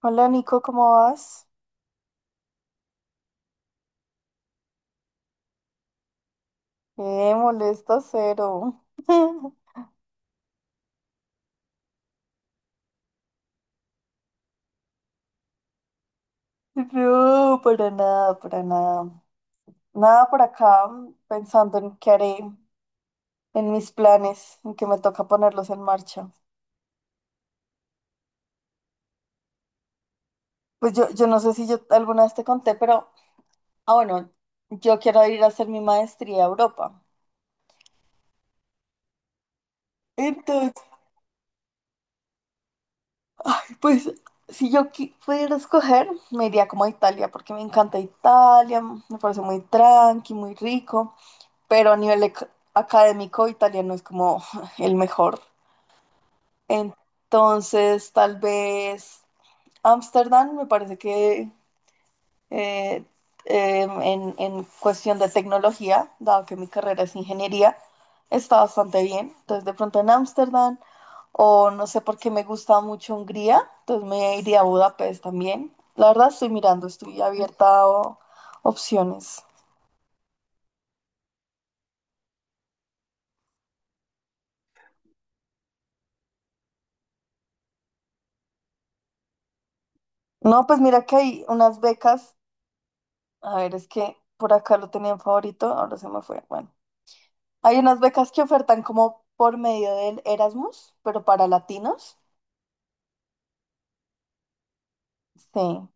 Hola Nico, ¿cómo vas? Molesta cero. No, para nada, para nada. Nada por acá, pensando en qué haré, en mis planes, en que me toca ponerlos en marcha. Pues yo no sé si yo alguna vez te conté, pero, bueno, yo quiero ir a hacer mi maestría a Europa. Entonces, pues, si pudiera escoger, me iría como a Italia, porque me encanta Italia, me parece muy tranqui, muy rico. Pero a nivel académico italiano es como el mejor. Entonces, tal vez Ámsterdam me parece que eh, en cuestión de tecnología, dado que mi carrera es ingeniería, está bastante bien. Entonces, de pronto en Ámsterdam, o no sé por qué me gusta mucho Hungría, entonces me iría a Budapest también. La verdad estoy mirando, estoy abierta a opciones. No, pues mira que hay unas becas. A ver, es que por acá lo tenía en favorito, ahora se me fue. Bueno, hay unas becas que ofertan como por medio del Erasmus, pero para latinos. Sí.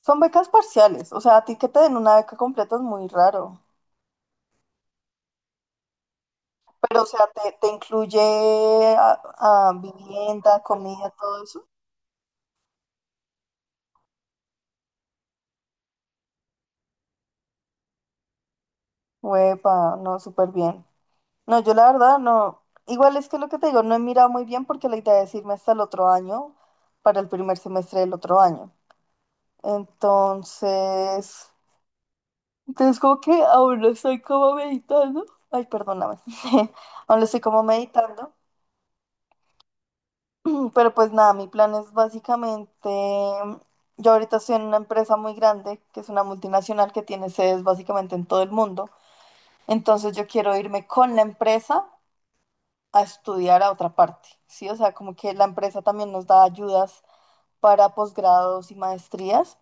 Son becas parciales, o sea, a ti que te den una beca completa es muy raro. Pero, o sea, te incluye a- a vivienda, comida, todo eso. Huepa, no, súper bien. No, yo la verdad no. Igual es que lo que te digo, no he mirado muy bien porque la idea es irme hasta el otro año, para el primer semestre del otro año. Entonces. Entonces, como que aún no estoy como meditando. Ay, perdóname. Aún no estoy como meditando. Pero pues nada, mi plan es básicamente, yo ahorita estoy en una empresa muy grande, que es una multinacional que tiene sedes básicamente en todo el mundo. Entonces yo quiero irme con la empresa a estudiar a otra parte, ¿sí? O sea, como que la empresa también nos da ayudas para posgrados y maestrías.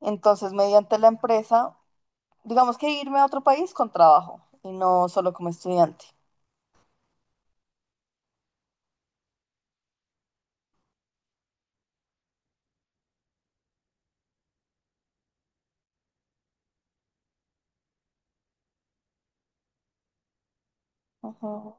Entonces, mediante la empresa, digamos que irme a otro país con trabajo y no solo como estudiante. Ajá.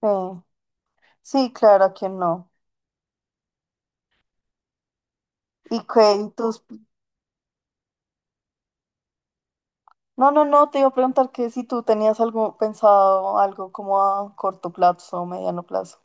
Sí, sí, claro, ¿a quién no? Y No, no, no, te iba a preguntar que si tú tenías algo pensado, algo como a corto plazo o mediano plazo.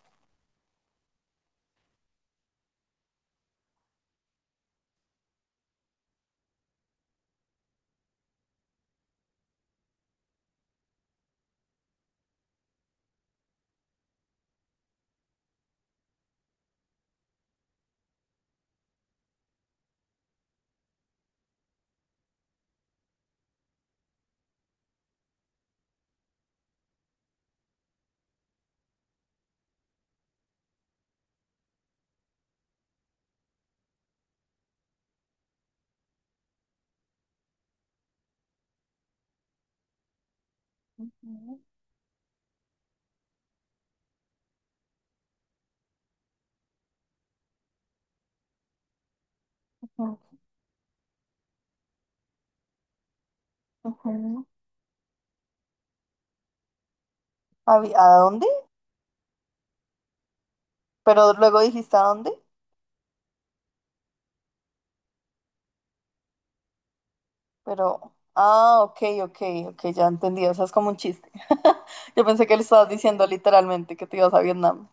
Ujú, ujú. ¿A, a dónde? Pero luego dijiste a dónde, pero... Ah, ok, ok, ok, ya entendí, o sea, es como un chiste. Yo pensé que le estabas diciendo literalmente que te ibas a Vietnam.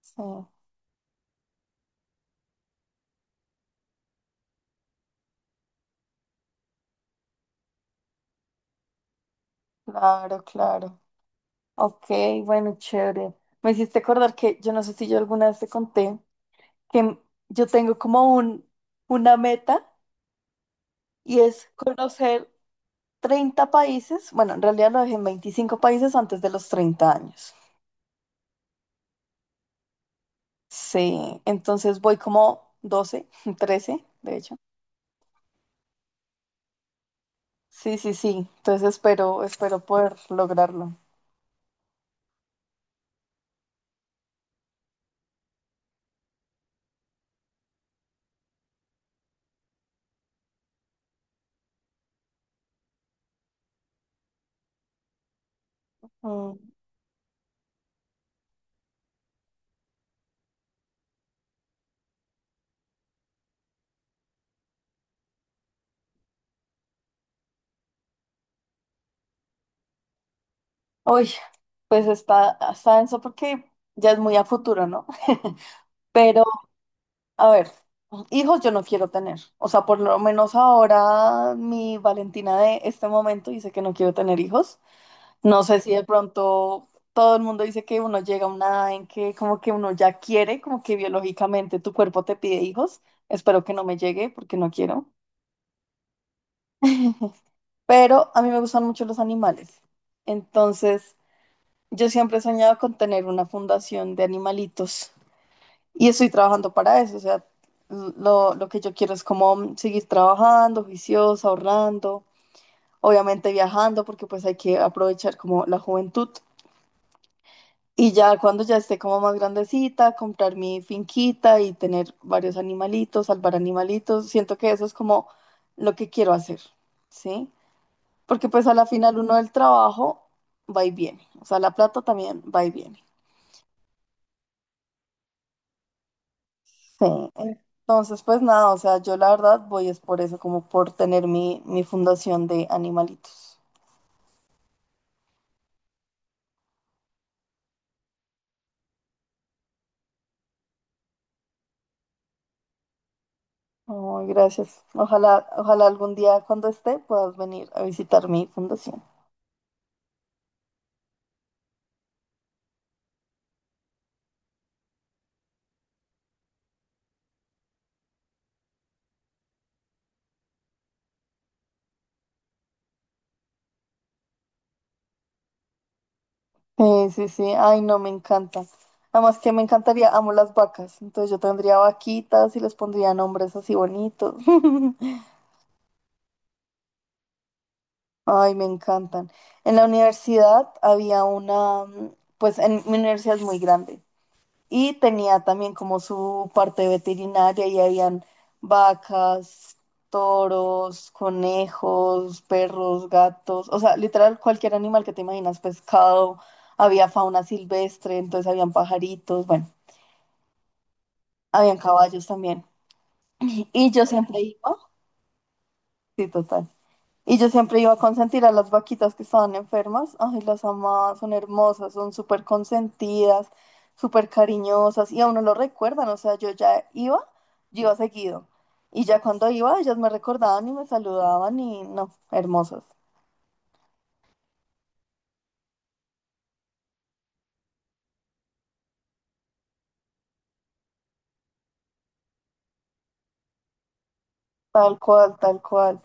Sí, claro, claro. Ok, bueno, chévere. Me hiciste acordar que yo no sé si yo alguna vez te conté. Que yo tengo como una meta y es conocer 30 países, bueno, en realidad lo dejé en 25 países antes de los 30 años. Sí, entonces voy como 12 13 de hecho. Sí, sí, sí, entonces espero, espero poder lograrlo. Mm. Uy, pues está, está denso porque ya es muy a futuro, ¿no? Pero, a ver, hijos yo no quiero tener. O sea, por lo menos ahora mi Valentina de este momento dice que no quiero tener hijos. No sé si de pronto todo el mundo dice que uno llega a una edad en que como que uno ya quiere, como que biológicamente tu cuerpo te pide hijos. Espero que no me llegue porque no quiero. Pero a mí me gustan mucho los animales. Entonces, yo siempre he soñado con tener una fundación de animalitos. Y estoy trabajando para eso, o sea, lo que yo quiero es como seguir trabajando, juiciosa, ahorrando, obviamente viajando, porque pues hay que aprovechar como la juventud. Y ya cuando ya esté como más grandecita, comprar mi finquita y tener varios animalitos, salvar animalitos, siento que eso es como lo que quiero hacer, ¿sí? Porque pues a la final uno del trabajo va y viene, o sea, la plata también va y viene. Sí. Entonces, pues nada, o sea, yo la verdad voy es por eso, como por tener mi fundación de animalitos. Ay, gracias. Ojalá, ojalá algún día cuando esté puedas venir a visitar mi fundación. Sí, sí, sí. Ay, no, me encanta. Además que me encantaría, amo las vacas. Entonces yo tendría vaquitas y les pondría nombres así bonitos. Ay, me encantan. En la universidad había una, pues en mi universidad es muy grande. Y tenía también como su parte veterinaria y habían vacas, toros, conejos, perros, gatos, o sea, literal cualquier animal que te imaginas, pescado, había fauna silvestre, entonces habían pajaritos, bueno, habían caballos también. Y yo siempre iba, sí, total. Y yo siempre iba a consentir a las vaquitas que estaban enfermas. Ay, las amaba, son hermosas, son súper consentidas, súper cariñosas. Y a uno lo recuerdan, o sea, yo ya iba, yo iba seguido. Y ya cuando iba, ellas me recordaban y me saludaban y no, hermosas. Tal cual, tal cual.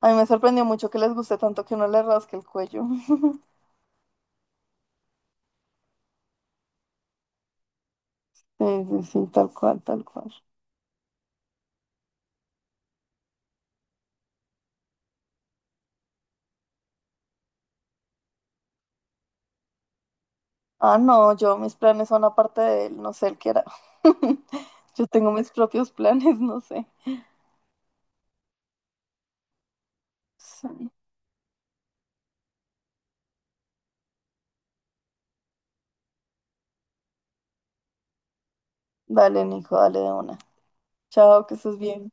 A mí me sorprendió mucho que les guste tanto que uno le rasque el cuello. Sí, sí, sí, tal cual, tal cual. Ah, no, yo mis planes son aparte de él, no sé él qué era. Yo tengo mis propios planes, no sé. Sí. Dale, Nico, dale de una. Chao, que estés bien.